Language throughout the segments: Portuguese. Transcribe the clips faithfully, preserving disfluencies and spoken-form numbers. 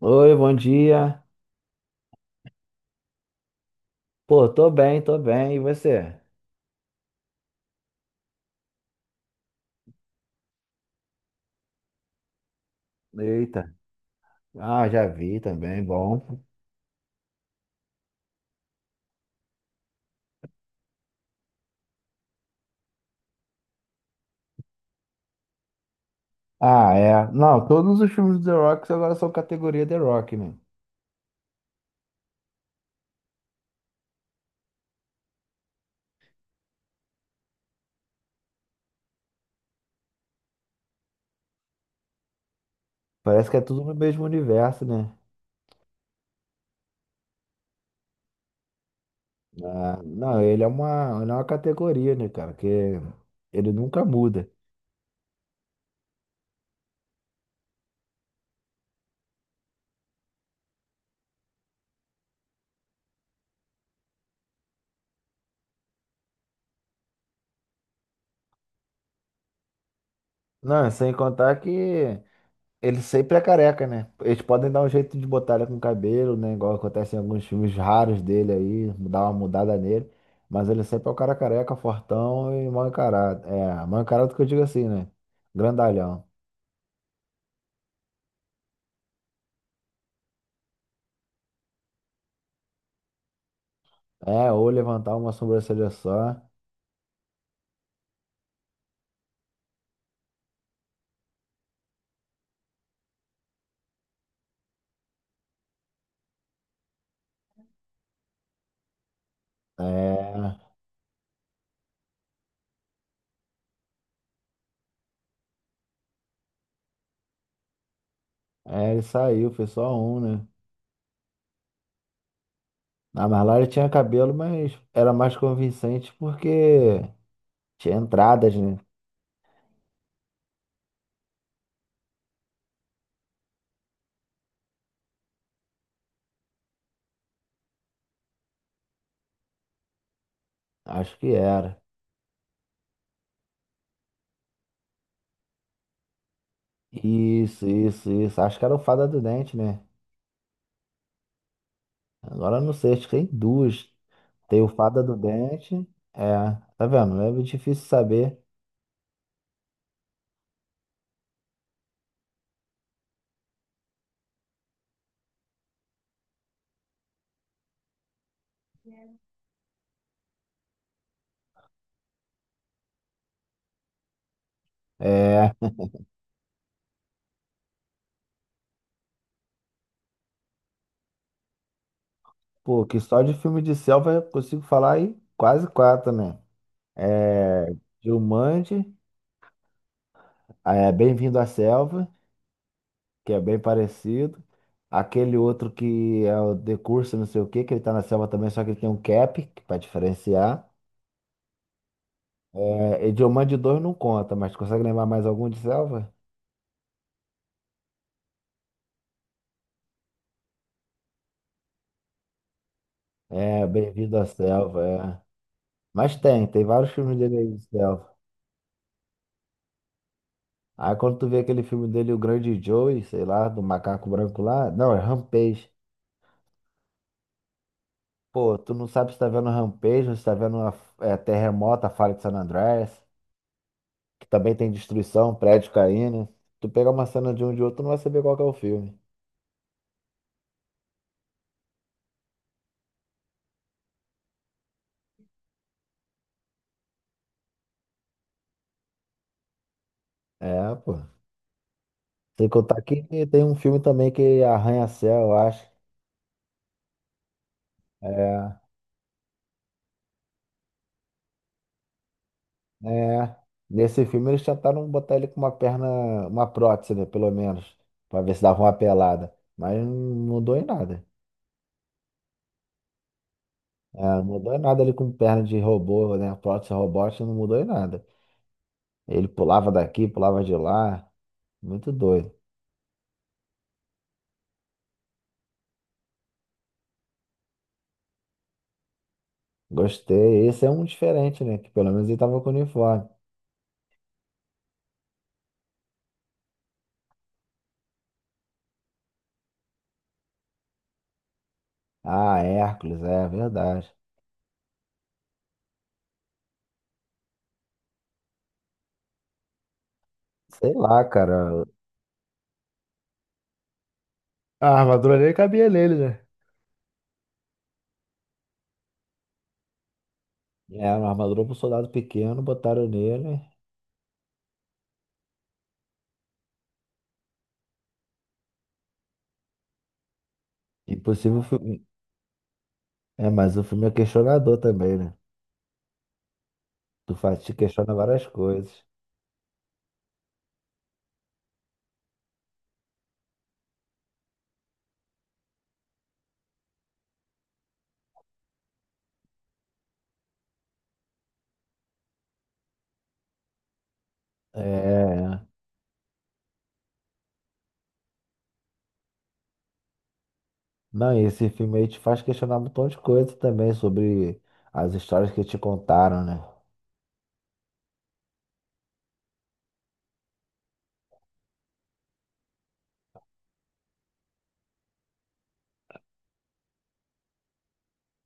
Oi, bom dia. Pô, tô bem, tô bem. E você? Eita. Ah, já vi também, bom. Ah, é. Não, todos os filmes do The Rock agora são categoria The Rock, né? Parece que é tudo no mesmo universo, né? Ah, não, ele é uma, ele é uma categoria, né, cara? Que ele nunca muda. Não, sem contar que ele sempre é careca, né? Eles podem dar um jeito de botar ele com cabelo, né? Igual acontece em alguns filmes raros dele aí, dar uma mudada nele. Mas ele sempre é o cara careca, fortão e mal encarado. É, mal encarado que eu digo assim, né? Grandalhão. É, ou levantar uma sobrancelha só. É, é, ele saiu, foi só um, né? Ah, mas lá ele tinha cabelo, mas era mais convincente porque tinha entradas, né? Acho que era. Isso, isso, isso. Acho que era o Fada do Dente, né? Agora não sei, acho que tem duas. Tem o Fada do Dente. É, tá vendo? É difícil saber. É, pô, que só de filme de selva eu consigo falar aí quase quatro, né? É, Jumanji, é Bem-vindo à Selva, que é bem parecido. Aquele outro que é o The Curso, não sei o quê, que ele tá na selva também, só que ele tem um cap, que pra diferenciar. É, e Jumanji dois não conta, mas consegue lembrar mais algum de selva? É, Bem-vindo à Selva, é. Mas tem, tem vários filmes dele aí, self. Aí quando tu vê aquele filme dele, O Grande Joey, sei lá, do macaco branco lá, não, é Rampage. Pô, tu não sabe se tá vendo Rampage ou se tá vendo uma, é, Terremoto, a Falha de San Andreas, que também tem destruição, prédio caindo. Tu pega uma cena de um de outro, tu não vai saber qual que é o filme. É, pô. Sem contar que tem um filme também que é Arranha-Céu, eu acho. É, é, nesse filme eles tentaram botar ele com uma perna, uma prótese, né, pelo menos, pra ver se dava uma pelada. Mas não mudou em nada. É, não mudou em nada ele com perna de robô, né? Prótese robótica não mudou em nada. Ele pulava daqui, pulava de lá. Muito doido. Gostei. Esse é um diferente, né? Que pelo menos ele tava com uniforme. Ah, Hércules, é verdade. Sei lá, cara. A armadura nem cabia nele, né? É, uma armadura pro soldado pequeno, botaram nele. Impossível, fi- É, mas o filme é questionador também, né? Tu faz, te questiona várias coisas. É. Não, e esse filme aí te faz questionar um montão de coisa também sobre as histórias que te contaram, né?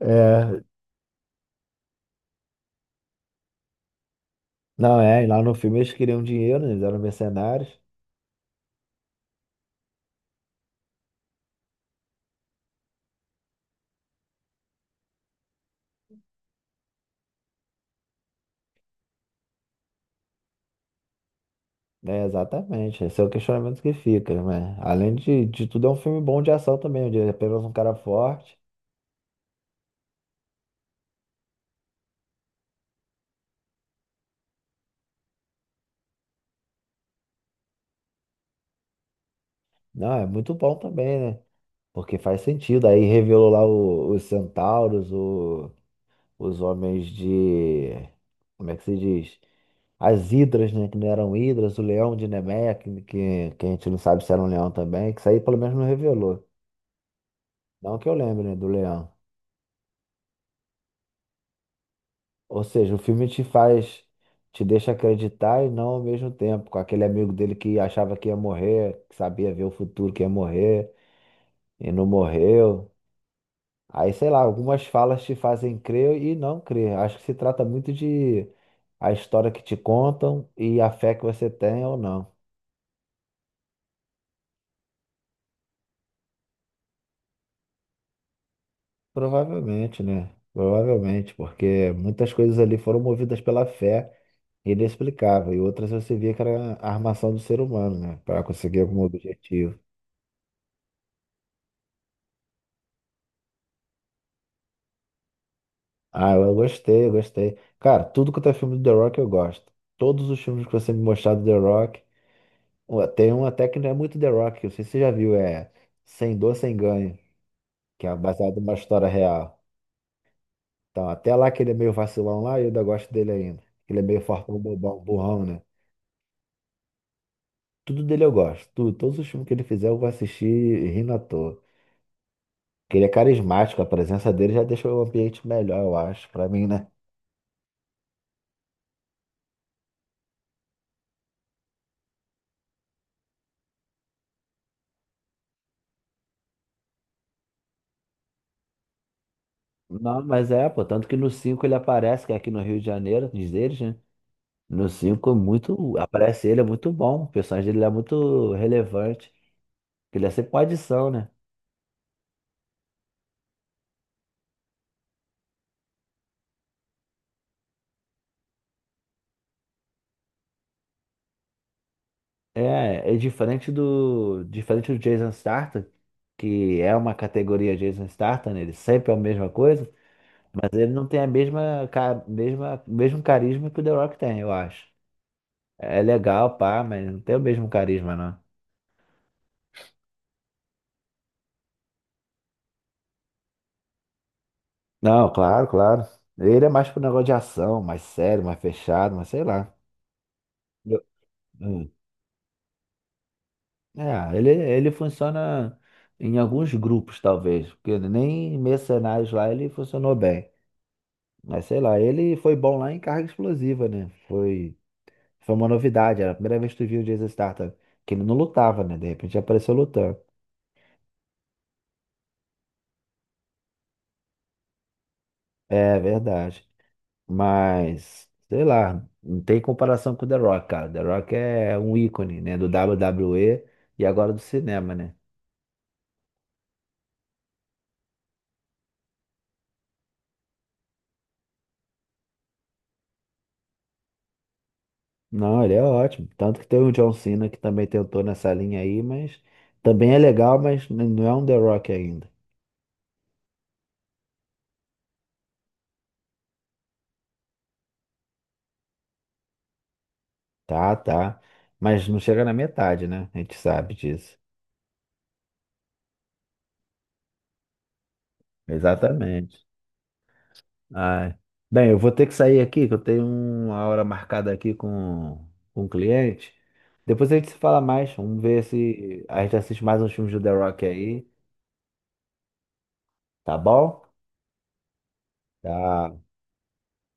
É. Não, é, e lá no filme eles queriam dinheiro, eles eram mercenários. É, exatamente. Esse é o questionamento que fica, né? Além de, de tudo, é um filme bom de ação também, onde é apenas um cara forte. Não, é muito bom também, né? Porque faz sentido. Aí revelou lá o- os centauros, o os homens de. Como é que se diz? As hidras, né? Que não eram hidras, o leão de Nemeia, que, que, que a gente não sabe se era um leão também, que isso aí pelo menos não revelou. Não que eu lembre, né, do leão. Ou seja, o filme te faz, te deixa acreditar e não ao mesmo tempo. Com aquele amigo dele que achava que ia morrer, que sabia ver o futuro que ia morrer, e não morreu. Aí, sei lá, algumas falas te fazem crer e não crer. Acho que se trata muito de a história que te contam e a fé que você tem ou não. Provavelmente, né? Provavelmente, porque muitas coisas ali foram movidas pela fé inexplicável, e outras você via que era a armação do ser humano, né? Para conseguir algum objetivo. Ah, eu gostei, eu gostei. Cara, tudo quanto é filme do The Rock eu gosto. Todos os filmes que você me mostrar do The Rock, ué, tem um até que não é muito The Rock, eu sei se você já viu, é Sem Dor, Sem Ganho, que é baseado numa história real. Então, até lá que ele é meio vacilão lá, eu ainda gosto dele ainda. Ele é meio fortão, bobão, burrão, né? Tudo dele eu gosto. Tudo, todos os filmes que ele fizer eu vou assistir rindo à toa. Porque ele é carismático, a presença dele já deixa o ambiente melhor, eu acho, pra mim, né? Não, mas é, pô, tanto que no cinco ele aparece, que é aqui no Rio de Janeiro, diz eles, né? No cinco é muito, aparece ele, é muito bom, o personagem dele é muito relevante, que ele é sempre uma adição, né? É, é diferente do, diferente do Jason Statham, que é uma categoria Jason Statham, né? Ele sempre é a mesma coisa, mas ele não tem a mesma, ca- mesma, mesmo carisma que o The Rock tem, eu acho. É legal, pá, mas não tem o mesmo carisma, não. Não, claro, claro. Ele é mais pro negócio de ação, mais sério, mais fechado, mas sei lá. Eu- hum. É, ele, ele funciona em alguns grupos, talvez, porque nem Mercenários lá ele funcionou bem. Mas sei lá, ele foi bom lá em carga explosiva, né? Foi, foi uma novidade, era a primeira vez que tu viu o Jason Statham, que ele não lutava, né? De repente apareceu lutando. É verdade. Mas, sei lá, não tem comparação com o The Rock, cara. The Rock é um ícone, né? Do WWE e e agora do cinema, né? Não, ele é ótimo. Tanto que tem o John Cena que também tentou nessa linha aí, mas também é legal, mas n- não é um The Rock ainda. Tá, tá. Mas não chega na metade, né? A gente sabe disso. Exatamente. Ah, bem, eu vou ter que sair aqui, que eu tenho uma hora marcada aqui com, com um cliente. Depois a gente se fala mais. Vamos ver se a gente assiste mais uns filmes do The Rock aí, tá bom? Tá.